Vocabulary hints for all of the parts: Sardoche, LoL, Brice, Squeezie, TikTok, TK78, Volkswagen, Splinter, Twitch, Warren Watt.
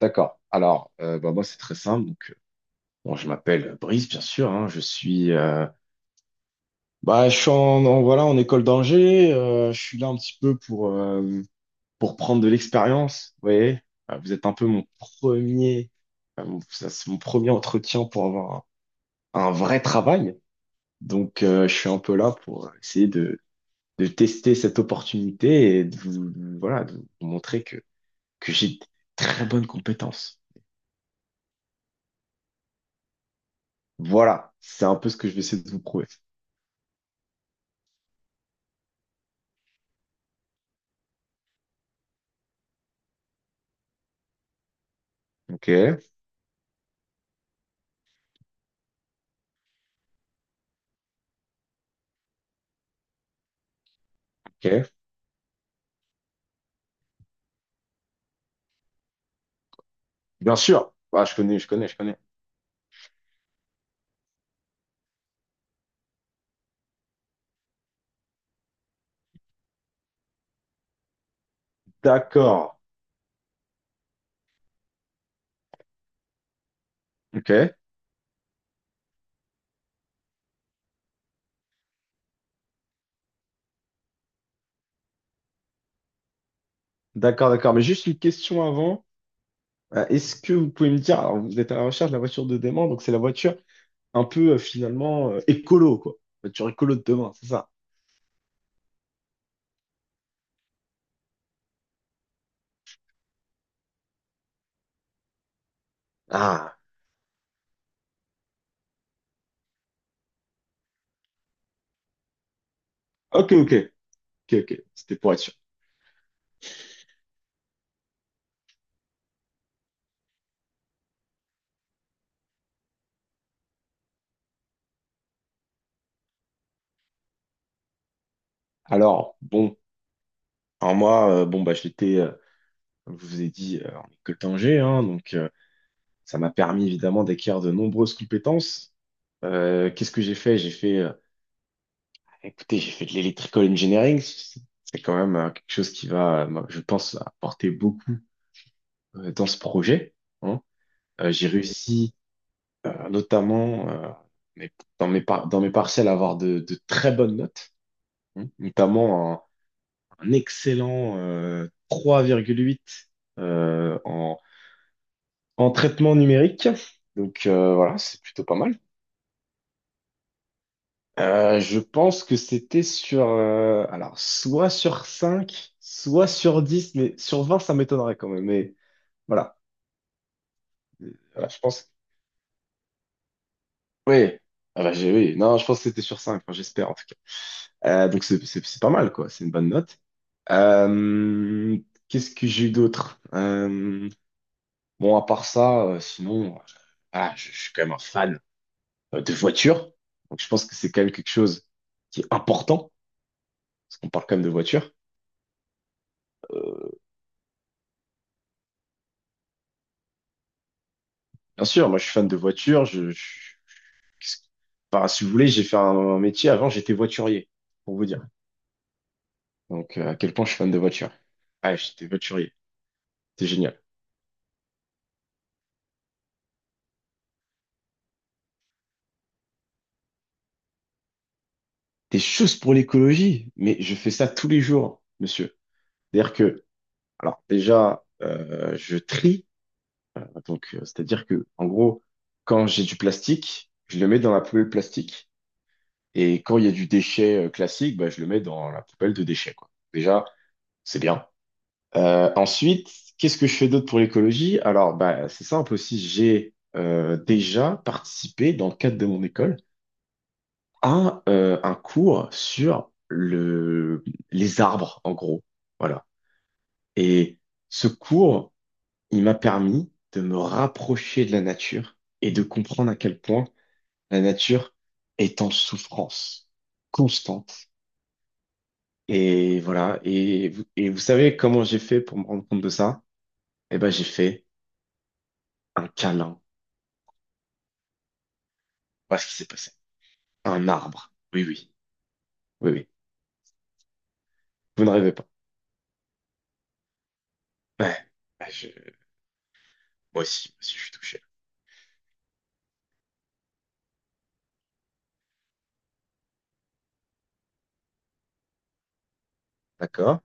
D'accord. Alors, bah, moi, c'est très simple. Donc, bon, je m'appelle Brice, bien sûr, hein. Je suis, bah, je suis voilà, en école d'ingé. Je suis là un petit peu pour prendre de l'expérience. Vous voyez. Vous êtes un peu mon premier, ça, c'est mon premier entretien pour avoir un vrai travail. Donc, je suis un peu là pour essayer de tester cette opportunité et de vous, voilà, de vous montrer que j'ai de très bonnes compétences. Voilà, c'est un peu ce que je vais essayer de vous prouver. Ok, ok. Bien sûr. Ah, je connais. D'accord. Ok. D'accord, d'accord. Mais juste une question avant. Est-ce que vous pouvez me dire, alors vous êtes à la recherche de la voiture de demain, donc c'est la voiture un peu finalement écolo, quoi. Voiture écolo de demain, c'est ça. Ah, ok, ok. C'était pour être sûr. Alors, bon, alors moi, bon, bah, j'étais, comme je vous ai dit, en école d'ingé, hein, donc ça m'a permis évidemment d'acquérir de nombreuses compétences. Qu'est-ce que j'ai fait? J'ai fait écoutez, j'ai fait de l'électrical engineering. C'est quand même quelque chose qui va, moi, je pense, apporter beaucoup dans ce projet, hein. J'ai réussi, notamment mes- dans dans mes partiels, à avoir de très bonnes notes, hein. Notamment un excellent 3,8 euh, en, en traitement numérique. Donc voilà, c'est plutôt pas mal. Je pense que c'était sur, alors, soit sur 5 soit sur dix, mais sur 20 ça m'étonnerait quand même. Mais voilà. Voilà, je pense. Oui, ah bah, oui, non, je pense que c'était sur cinq, enfin, j'espère en tout cas. Donc c'est pas mal, quoi, c'est une bonne note. Euh, Qu'est-ce que j'ai eu d'autre? Bon, à part ça, sinon, ah, je suis quand même un fan de voiture. Donc je pense que c'est quand même quelque chose qui est important, parce qu'on parle quand même de voiture. Bien sûr, moi je suis fan de voiture. Qu'est-ce- enfin, si vous voulez, j'ai fait un métier. Avant, j'étais voiturier, pour vous dire. Donc, à quel point je suis fan de voiture. Ah, j'étais voiturier. C'est génial. Des choses pour l'écologie, mais je fais ça tous les jours, monsieur. C'est-à-dire que, alors déjà, je trie. Donc, c'est-à-dire que, en gros, quand j'ai du plastique, je le mets dans la poubelle plastique. Et quand il y a du déchet classique, bah, je le mets dans la poubelle de déchets, quoi. Déjà, c'est bien. Ensuite, qu'est-ce que je fais d'autre pour l'écologie? Alors, bah, c'est simple aussi, j'ai déjà participé dans le cadre de mon école à un cours sur les arbres, en gros. Voilà. Et ce cours, il m'a permis de me rapprocher de la nature et de comprendre à quel point la nature est en souffrance constante. Et voilà. Et vous savez comment j'ai fait pour me rendre compte de ça? Eh ben, j'ai fait un câlin. Voilà ce qui s'est passé. Un arbre. Oui, oui. Vous ne rêvez pas. Ouais. Ah, je- moi aussi, moi aussi, je suis touché. D'accord.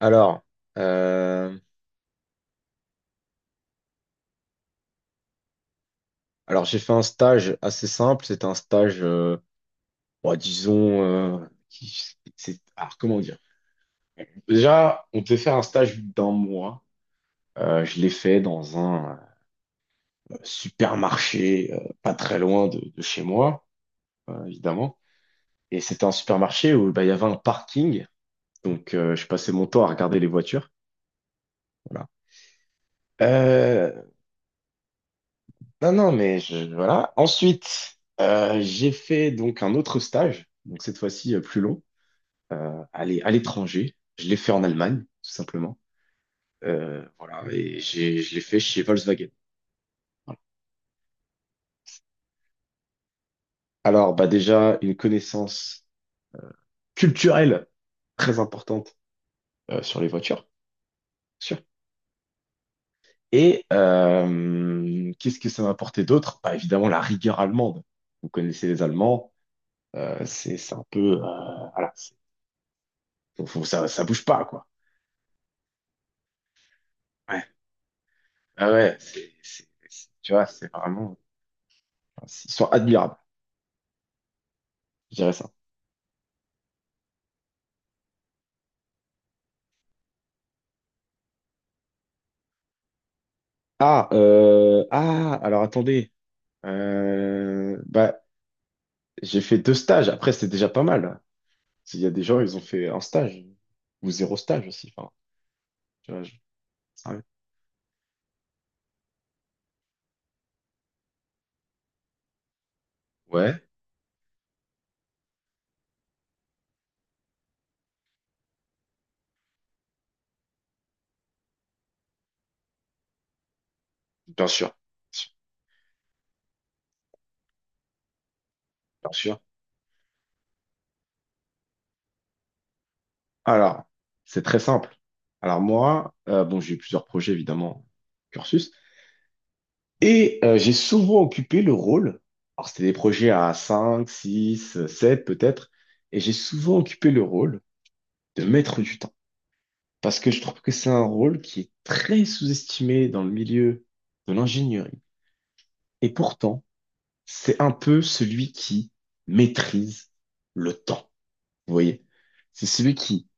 Alors, euh, alors j'ai fait un stage assez simple. C'était un stage, bon, disons, c'est, alors comment dire? Déjà, on devait faire un stage d'un mois. Je l'ai fait dans un supermarché, pas très loin de chez moi, évidemment. Et c'était un supermarché où bah, il y avait un parking. Donc, je passais mon temps à regarder les voitures. Voilà. Euh, non, non, mais je, voilà. Ensuite, j'ai fait donc un autre stage, donc cette fois-ci plus long, à l'étranger. Je l'ai fait en Allemagne, tout simplement. Voilà, et je l'ai fait chez Volkswagen. Voilà. Alors, bah déjà, une connaissance culturelle très importante sur les voitures, bien sûr. Et qu'est-ce que ça m'a apporté d'autre? Bah, évidemment, la rigueur allemande. Vous connaissez les Allemands, c'est un peu… voilà, ça, ça bouge pas, quoi. Ouais, ah ouais, tu vois, c'est vraiment, ils sont admirables, je dirais ça. Ah, alors attendez, bah, j'ai fait deux stages. Après, c'est déjà pas mal. Il y a des gens, ils ont fait un stage ou zéro stage aussi. Enfin, tu vois, je- ah oui. Ouais, bien sûr, bien sûr. Alors, c'est très simple. Alors moi, bon, j'ai eu plusieurs projets évidemment, cursus. Et j'ai souvent occupé le rôle, alors c'était des projets à 5, 6, 7 peut-être, et j'ai souvent occupé le rôle de maître du temps. Parce que je trouve que c'est un rôle qui est très sous-estimé dans le milieu de l'ingénierie. Et pourtant, c'est un peu celui qui maîtrise le temps. Vous voyez? C'est celui qui,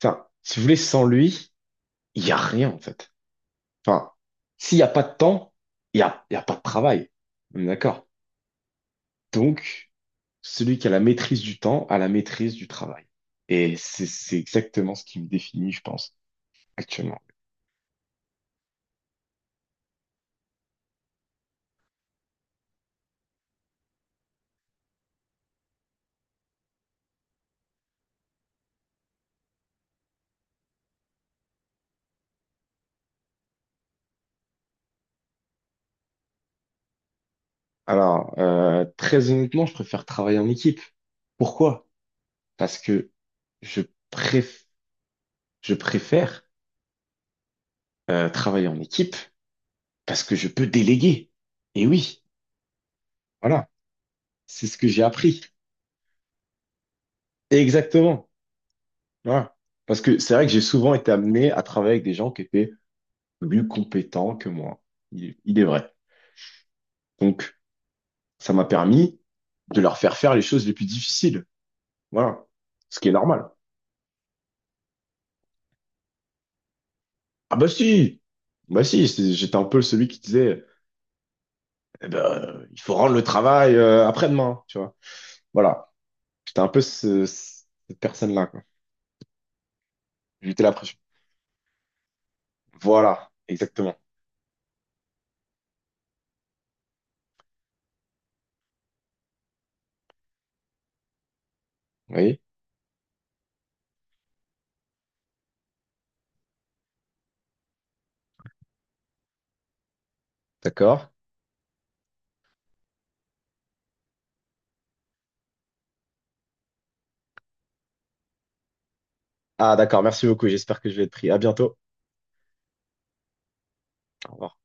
enfin, si vous voulez, sans lui, il n'y a rien en fait. Enfin, s'il n'y a pas de temps, il y a pas de travail. On est d'accord? Donc, celui qui a la maîtrise du temps a la maîtrise du travail. Et c'est exactement ce qui me définit, je pense, actuellement. Alors, très honnêtement, je préfère travailler en équipe. Pourquoi? Parce que je préf- je préfère travailler en équipe parce que je peux déléguer. Et oui, voilà, c'est ce que j'ai appris. Exactement. Voilà. Parce que c'est vrai que j'ai souvent été amené à travailler avec des gens qui étaient plus compétents que moi. Il est vrai. Donc, ça m'a permis de leur faire faire les choses les plus difficiles. Voilà. Ce qui est normal. Ah bah si! J'étais un peu celui qui disait, eh ben, il faut rendre le travail après-demain, tu vois. Voilà. J'étais un peu cette personne-là, quoi. J'étais la pression. Voilà, exactement. Oui, d'accord. Ah d'accord, merci beaucoup. J'espère que je vais être pris. À bientôt. Au revoir.